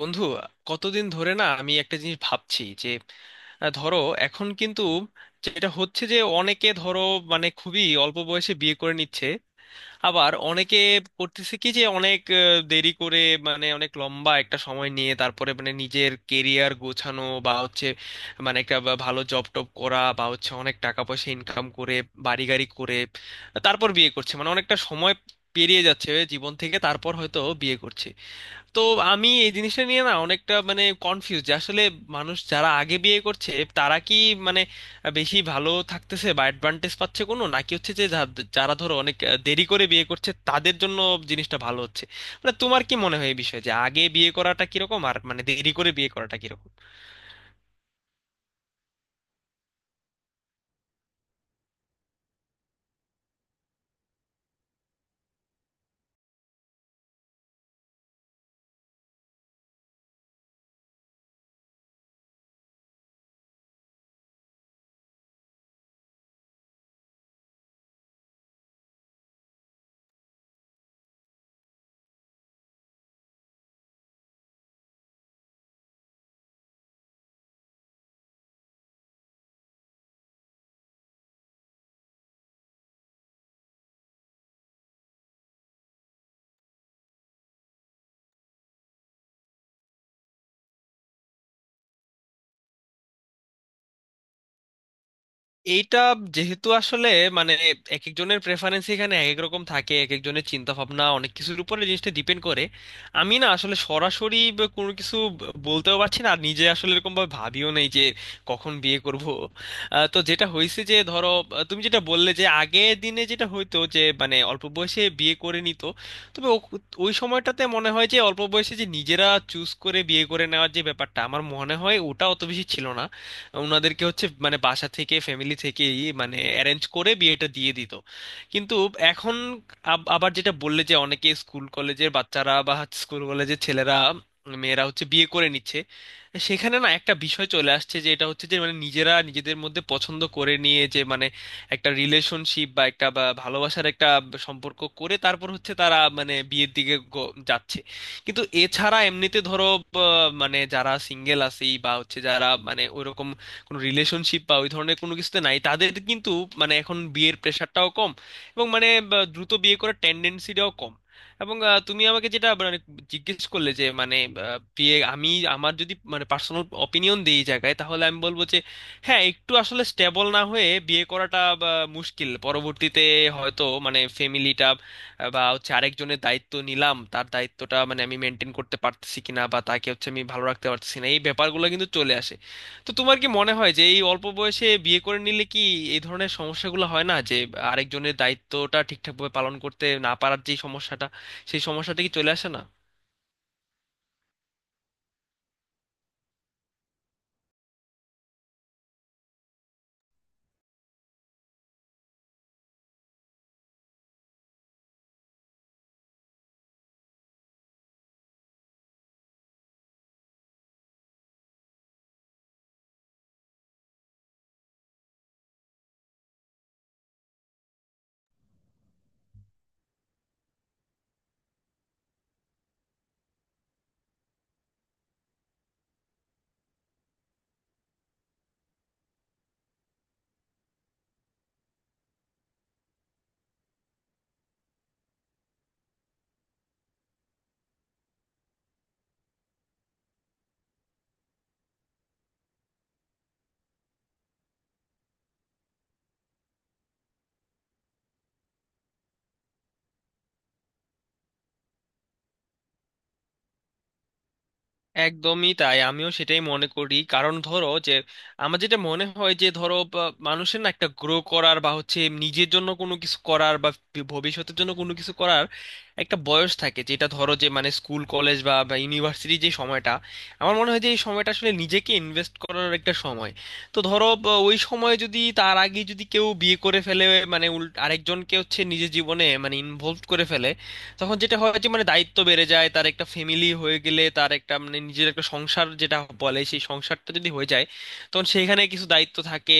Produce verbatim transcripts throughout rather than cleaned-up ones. বন্ধু, কতদিন ধরে না আমি একটা জিনিস ভাবছি যে আহ, ধরো, এখন কিন্তু যেটা হচ্ছে যে অনেকে ধরো মানে খুবই অল্প বয়সে বিয়ে করে নিচ্ছে। আবার অনেকে করতেছে কি যে অনেক আহ, দেরি করে, মানে অনেক লম্বা একটা সময় নিয়ে তারপরে মানে নিজের কেরিয়ার গোছানো বা হচ্ছে, মানে একটা বা- ভালো জব টব করা বা হচ্ছে অনেক টাকা পয়সা ইনকাম করে, বাড়ি গাড়ি করে তারপর বিয়ে করছে, মানে অনেকটা সময় পেরিয়ে যাচ্ছে জীবন থেকে, তারপর হয়তো বিয়ে করছে। তো আমি এই জিনিসটা নিয়ে না অনেকটা মানে কনফিউজ যে আসলে মানুষ যারা আগে বিয়ে করছে তারা কি মানে বেশি ভালো থাকতেছে বা অ্যাডভান্টেজ পাচ্ছে কোনো, নাকি হচ্ছে যে যা- যারা ধরো অনেক আহ, দেরি করে বিয়ে করছে তাদের জন্য জিনিসটা ভালো হচ্ছে। মানে তোমার কি মনে হয় এই বিষয়ে যে আগে বিয়ে করাটা কিরকম আর মানে দেরি করে বিয়ে করাটা কিরকম? এইটা যেহেতু আসলে মানে এক একজনের প্রেফারেন্স এখানে এক এক রকম থাকে, এক একজনের চিন্তা ভাবনা অনেক কিছুর উপরে জিনিসটা ডিপেন্ড করে। আমি না আসলে সরাসরি ব- কোনো কিছু ব- বলতেও পারছি না, আর নিজে আসলে এরকম ভাবে ভাবিও নেই যে কখন বিয়ে করব। আহ, তো যেটা হয়েছে যে ধরো, আহ, তুমি যেটা বললে যে আগে দিনে যেটা হইতো যে মানে অল্প বয়সে বিয়ে করে নিত। তবে ও- ওই সময়টাতে মনে হয় যে অল্প বয়সে যে নিজেরা চুজ করে বিয়ে করে নেওয়ার যে ব্যাপারটা আমার মনে হয় ওটা অত বেশি ছিল না। ওনাদেরকে হচ্ছে মানে বাসা থেকে ফ্যামিলি থেকেই মানে অ্যারেঞ্জ করে বিয়েটা দিয়ে দিত। কিন্তু এখন আব- আবার যেটা বললে যে অনেকে স্কুল কলেজের বাচ্চারা বা স্কুল কলেজের ছেলেরা মেয়েরা হচ্ছে বিয়ে করে নিচ্ছে, সেখানে না একটা বিষয় চলে আসছে যে এটা হচ্ছে যে মানে নিজেরা নিজেদের মধ্যে পছন্দ করে নিয়ে যে মানে একটা রিলেশনশিপ বা একটা বা ভালোবাসার একটা সম্পর্ক করে, তারপর হচ্ছে তারা মানে বিয়ের দিকে গ- যাচ্ছে। কিন্তু এছাড়া এমনিতে ধরো, আহ, মানে যারা সিঙ্গেল আছে বা হচ্ছে যারা মানে ওইরকম কোনো রিলেশনশিপ বা ওই ধরনের কোনো কিছুতে নাই, তাদের কিন্তু মানে এখন বিয়ের প্রেশারটাও কম, এবং মানে বা, দ্রুত বিয়ে করার টেন্ডেন্সিটাও কম। এবং আহ, তুমি আমাকে যেটা মানে জিজ্ঞেস করলে যে মানে আহ, বিয়ে, আমি আমার যদি মানে পার্সোনাল অপিনিয়ন দিই এই জায়গায় তাহলে আমি বলবো যে হ্যাঁ, একটু আসলে স্টেবল না হয়ে বিয়ে করাটা বা, মুশকিল পরবর্তীতে। হয়তো মানে ফ্যামিলিটা বা হচ্ছে আরেকজনের দায়িত্ব নিলাম, তার দায়িত্বটা মানে আমি মেনটেন করতে পারতেছি কিনা বা তাকে হচ্ছে আমি ভালো রাখতে পারতেছি না, এই ব্যাপারগুলো কিন্তু চলে আসে। তো তোমার কি মনে হয় যে এই অল্প বয়সে বিয়ে করে নিলে কি এই ধরনের সমস্যাগুলো হয় না, যে আরেকজনের দায়িত্বটা ঠিকঠাকভাবে পালন করতে না পারার যে সমস্যাটা, সেই সমস্যাটা কি চলে আসে না? একদমই তাই, আমিও সেটাই মনে করি। কারণ ধরো যে আমার যেটা মনে হয় যে ধরো বা মানুষের না একটা গ্রো করার বা হচ্ছে নিজের জন্য কোনো কিছু করার বা ভি- ভবিষ্যতের জন্য কোনো কিছু করার একটা বয়স থাকে, যেটা ধরো যে মানে স্কুল কলেজ বা বা ইউনিভার্সিটি যে সময়টা, আমার মনে হয় যে এই সময়টা আসলে নিজেকে ইনভেস্ট করার একটা সময়। তো ধরো বা ওই সময় যদি, তার আগে যদি কেউ বিয়ে করে ফেলে মানে উল আরেকজনকে হচ্ছে নিজের জীবনে মানে ইনভলভ করে ফেলে, তখন যেটা হয় যে মানে দায়িত্ব বেড়ে যায়, তার একটা ফ্যামিলি হয়ে গেলে তার একটা মানে নিজের একটা সংসার যেটা বলে, সেই সংসারটা যদি হয়ে যায় তখন সেখানে কিছু দায়িত্ব থাকে।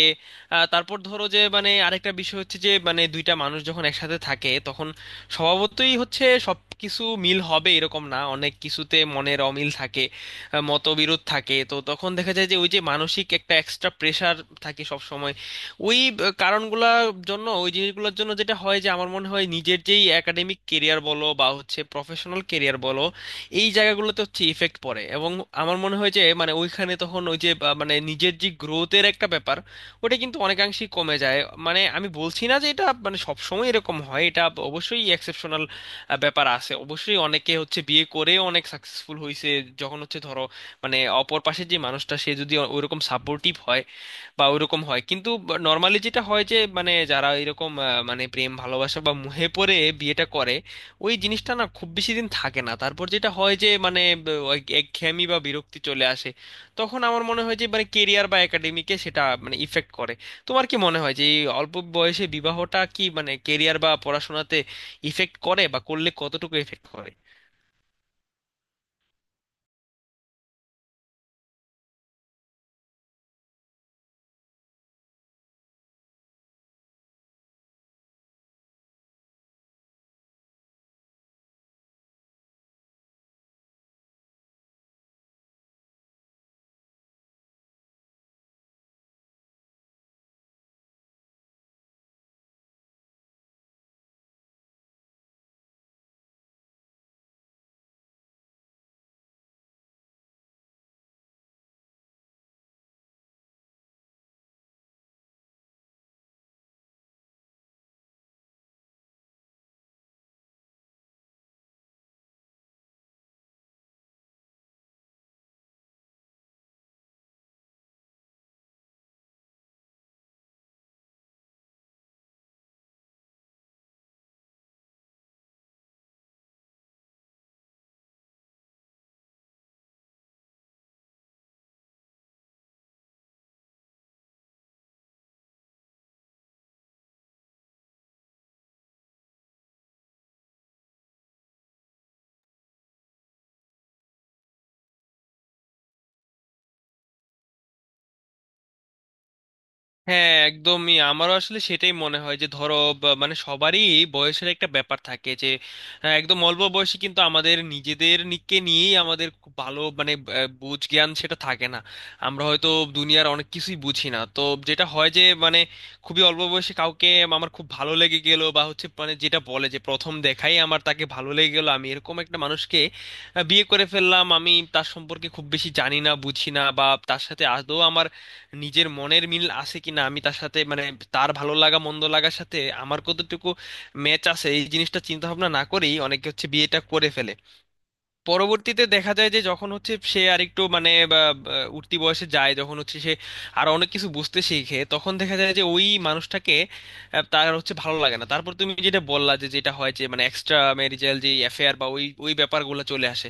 আহ, তারপর ধরো যে মানে আরেকটা বিষয় হচ্ছে যে মানে দুইটা মানুষ যখন একসাথে থাকে তখন স্বভাবতই হচ্ছে সব কিছু মিল হবে এরকম না, অনেক কিছুতে মনের অমিল থাকে, আহ, মতবিরোধ থাকে। তো তখন দেখা যায় যে ওই যে মানসিক একটা এক্সট্রা প্রেশার থাকে সবসময়, ওই ব- কারণগুলোর জন্য, ওই জিনিসগুলোর জন্য যেটা হয় যে আমার মনে হয় নিজের যেই একাডেমিক কেরিয়ার বলো বা হচ্ছে প্রফেশনাল কেরিয়ার বলো, এই জায়গাগুলোতে হচ্ছে ইফেক্ট পড়ে। এবং আমার মনে হয় যে মানে ওইখানে তখন ওই যে বা মানে নিজের যে গ্রোথের একটা ব্যাপার, ওটা কিন্তু অনেকাংশেই কমে যায়। মানে আমি বলছি না যে এটা মানে সবসময় এরকম হয়, এটা অবশ্যই এক্সেপশনাল ব্যাপার আছে, অবশ্যই অনেকে হচ্ছে বিয়ে করে অনেক সাকসেসফুল হয়েছে, যখন হচ্ছে ধরো মানে অপর পাশের যে মানুষটা সে যদি ওইরকম সাপোর্টিভ হয় বা ওইরকম হয়। কিন্তু নর্মালি যেটা হয় যে মানে যারা এরকম আহ, মানে প্রেম ভালোবাসা বা মুহে পড়ে বিয়েটা করে, ওই জিনিসটা না খুব বেশি দিন থাকে না, তারপর যেটা হয় যে মানে ব- ওই একঘেয়েমি বা বিরক্তি চলে আসে। তখন আমার মনে হয় যে মানে কেরিয়ার বা একাডেমিকে সেটা মানে ইফেক্ট করে। তোমার কি মনে হয় যে এই অল্প বয়সে বিবাহটা কি মানে কেরিয়ার বা পড়াশোনাতে ইফেক্ট করে, বা করলে কতটুকু ইফেক্ট করে? হ্যাঁ একদমই, আমারও আসলে সেটাই মনে হয় যে ধরো বা- মানে সবারই বয়সের একটা ব্যাপার থাকে যে আহ, একদম অল্প বয়সে কিন্তু আমাদের নিজেদের নিকে নিয়েই আমাদের খুব ভালো মানে আহ, বুঝ জ্ঞান সেটা থাকে না, আমরা হয়তো দুনিয়ার অনেক কিছুই বুঝি না। তো যেটা হয় যে মানে খুবই অল্প বয়সে কাউকে আমার খুব ভালো লেগে গেল বা হচ্ছে মানে যেটা বলে যে প্রথম দেখাই আমার তাকে ভালো লেগে গেল, আমি এরকম একটা মানুষকে আহ, বিয়ে করে ফেললাম, আমি তার সম্পর্কে খুব বেশি জানি না বুঝি না, বা তার সাথে আদৌ আমার নিজের মনের মিল আছে কিনা, আমি তার সাথে মানে তার ভালো লাগা মন্দ লাগার সাথে আমার কতটুকু ম্যাচ আছে, এই জিনিসটা চিন্তা ভাবনা না করেই অনেকে হচ্ছে বিয়েটা করে ফেলে। পরবর্তীতে দেখা যায় যে যখন হচ্ছে সে আরেকটু মানে বা, বা, উঠতি বয়সে যায়, যখন হচ্ছে সে আরো অনেক কিছু বুঝতে শিখে, তখন দেখা যায় যে ওই মানুষটাকে আহ, তার হচ্ছে ভালো লাগে না। তারপর তুমি যেটা বললা যে যেটা হয় যে মানে এক্সট্রা ম্যারিজাল যে অ্যাফেয়ার বা ওই ওই ব্যাপারগুলো চলে আসে।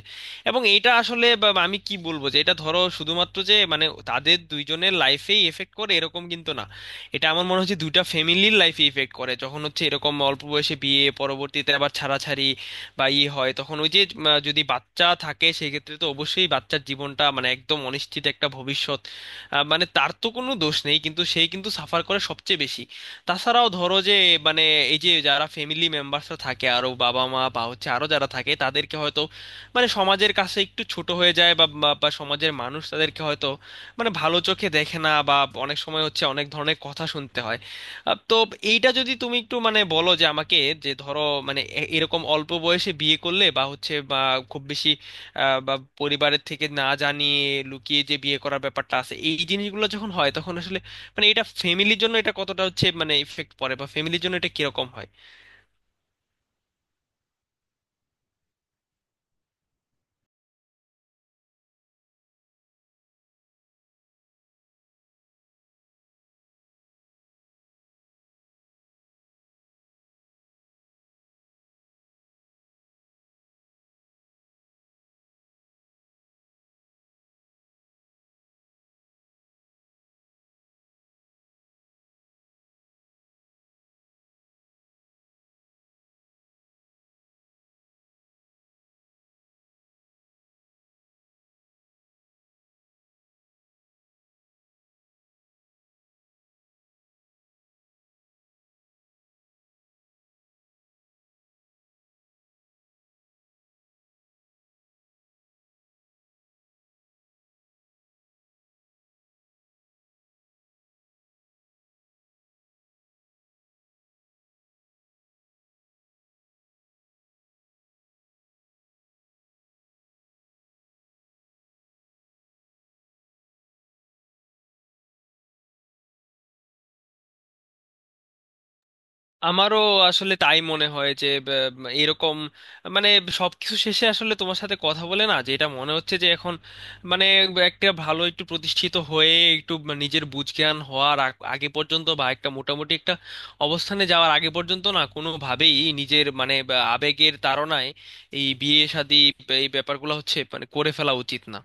এবং এটা আসলে বা- বা আমি কি বলবো যে এটা ধরো শুধুমাত্র যে মানে তাদের দুইজনের লাইফেই এফেক্ট করে এরকম কিন্তু না, এটা আমার মনে হচ্ছে দুইটা ফ্যামিলির লাইফে ইফেক্ট করে। যখন হচ্ছে এরকম অল্প বয়সে বিয়ে পরবর্তীতে আবার ছাড়াছাড়ি বা ই হয়, তখন ওই যে উম, যদি বাচ্চা থাকে সেক্ষেত্রে তো অবশ্যই বাচ্চার জীবনটা মানে একদম অনিশ্চিত একটা ভবিষ্যৎ। আহ, মানে তার তো কোনো দোষ নেই, কিন্তু সে কিন্তু সাফার করে সবচেয়ে বেশি। তাছাড়াও ধরো যে মানে এই যে যারা ফ্যামিলি মেম্বার্সরা থাকে, আরো বাবা মা বা হচ্ছে আরো যারা থাকে, তাদেরকে হয়তো মানে সমাজের কাছে একটু ছোট হয়ে যায়, বা বা বা সমাজের মানুষ তাদেরকে হয়তো মানে ভালো চোখে দেখে না, বা অনেক সময় হচ্ছে অনেক ধরনের কথা শুনতে হয়। আহ, তো এইটা যদি তুমি একটু মানে বলো যে আমাকে, যে ধরো মানে এ- এরকম অল্প বয়সে বিয়ে করলে বা হচ্ছে বা খুব বেশি আহ, বা পরিবারের থেকে না জানিয়ে লুকিয়ে যে বিয়ে করার ব্যাপারটা আছে, এই জিনিসগুলো যখন হয় তখন আসলে মানে এটা ফ্যামিলির জন্য এটা কতটা হচ্ছে মানে ইফেক্ট পড়ে, বা ফ্যামিলির জন্য এটা কিরকম হয়? আমারও আসলে তাই মনে হয় যে ব- এরকম মানে সবকিছু শেষে আসলে তোমার সাথে কথা বলে না যেটা মনে হচ্ছে যে এখন মানে একটা ভালো একটু প্রতিষ্ঠিত হয়ে, একটু নিজের বুঝ জ্ঞান হওয়ার আগ- আগে পর্যন্ত, বা একটা মোটামুটি একটা অবস্থানে যাওয়ার আগে পর্যন্ত না কোনোভাবেই নিজের মানে বা আবেগের তাড়নায় এই বিয়ে শাদী এই ব্যাপারগুলো হচ্ছে মানে করে ফেলা উচিত না।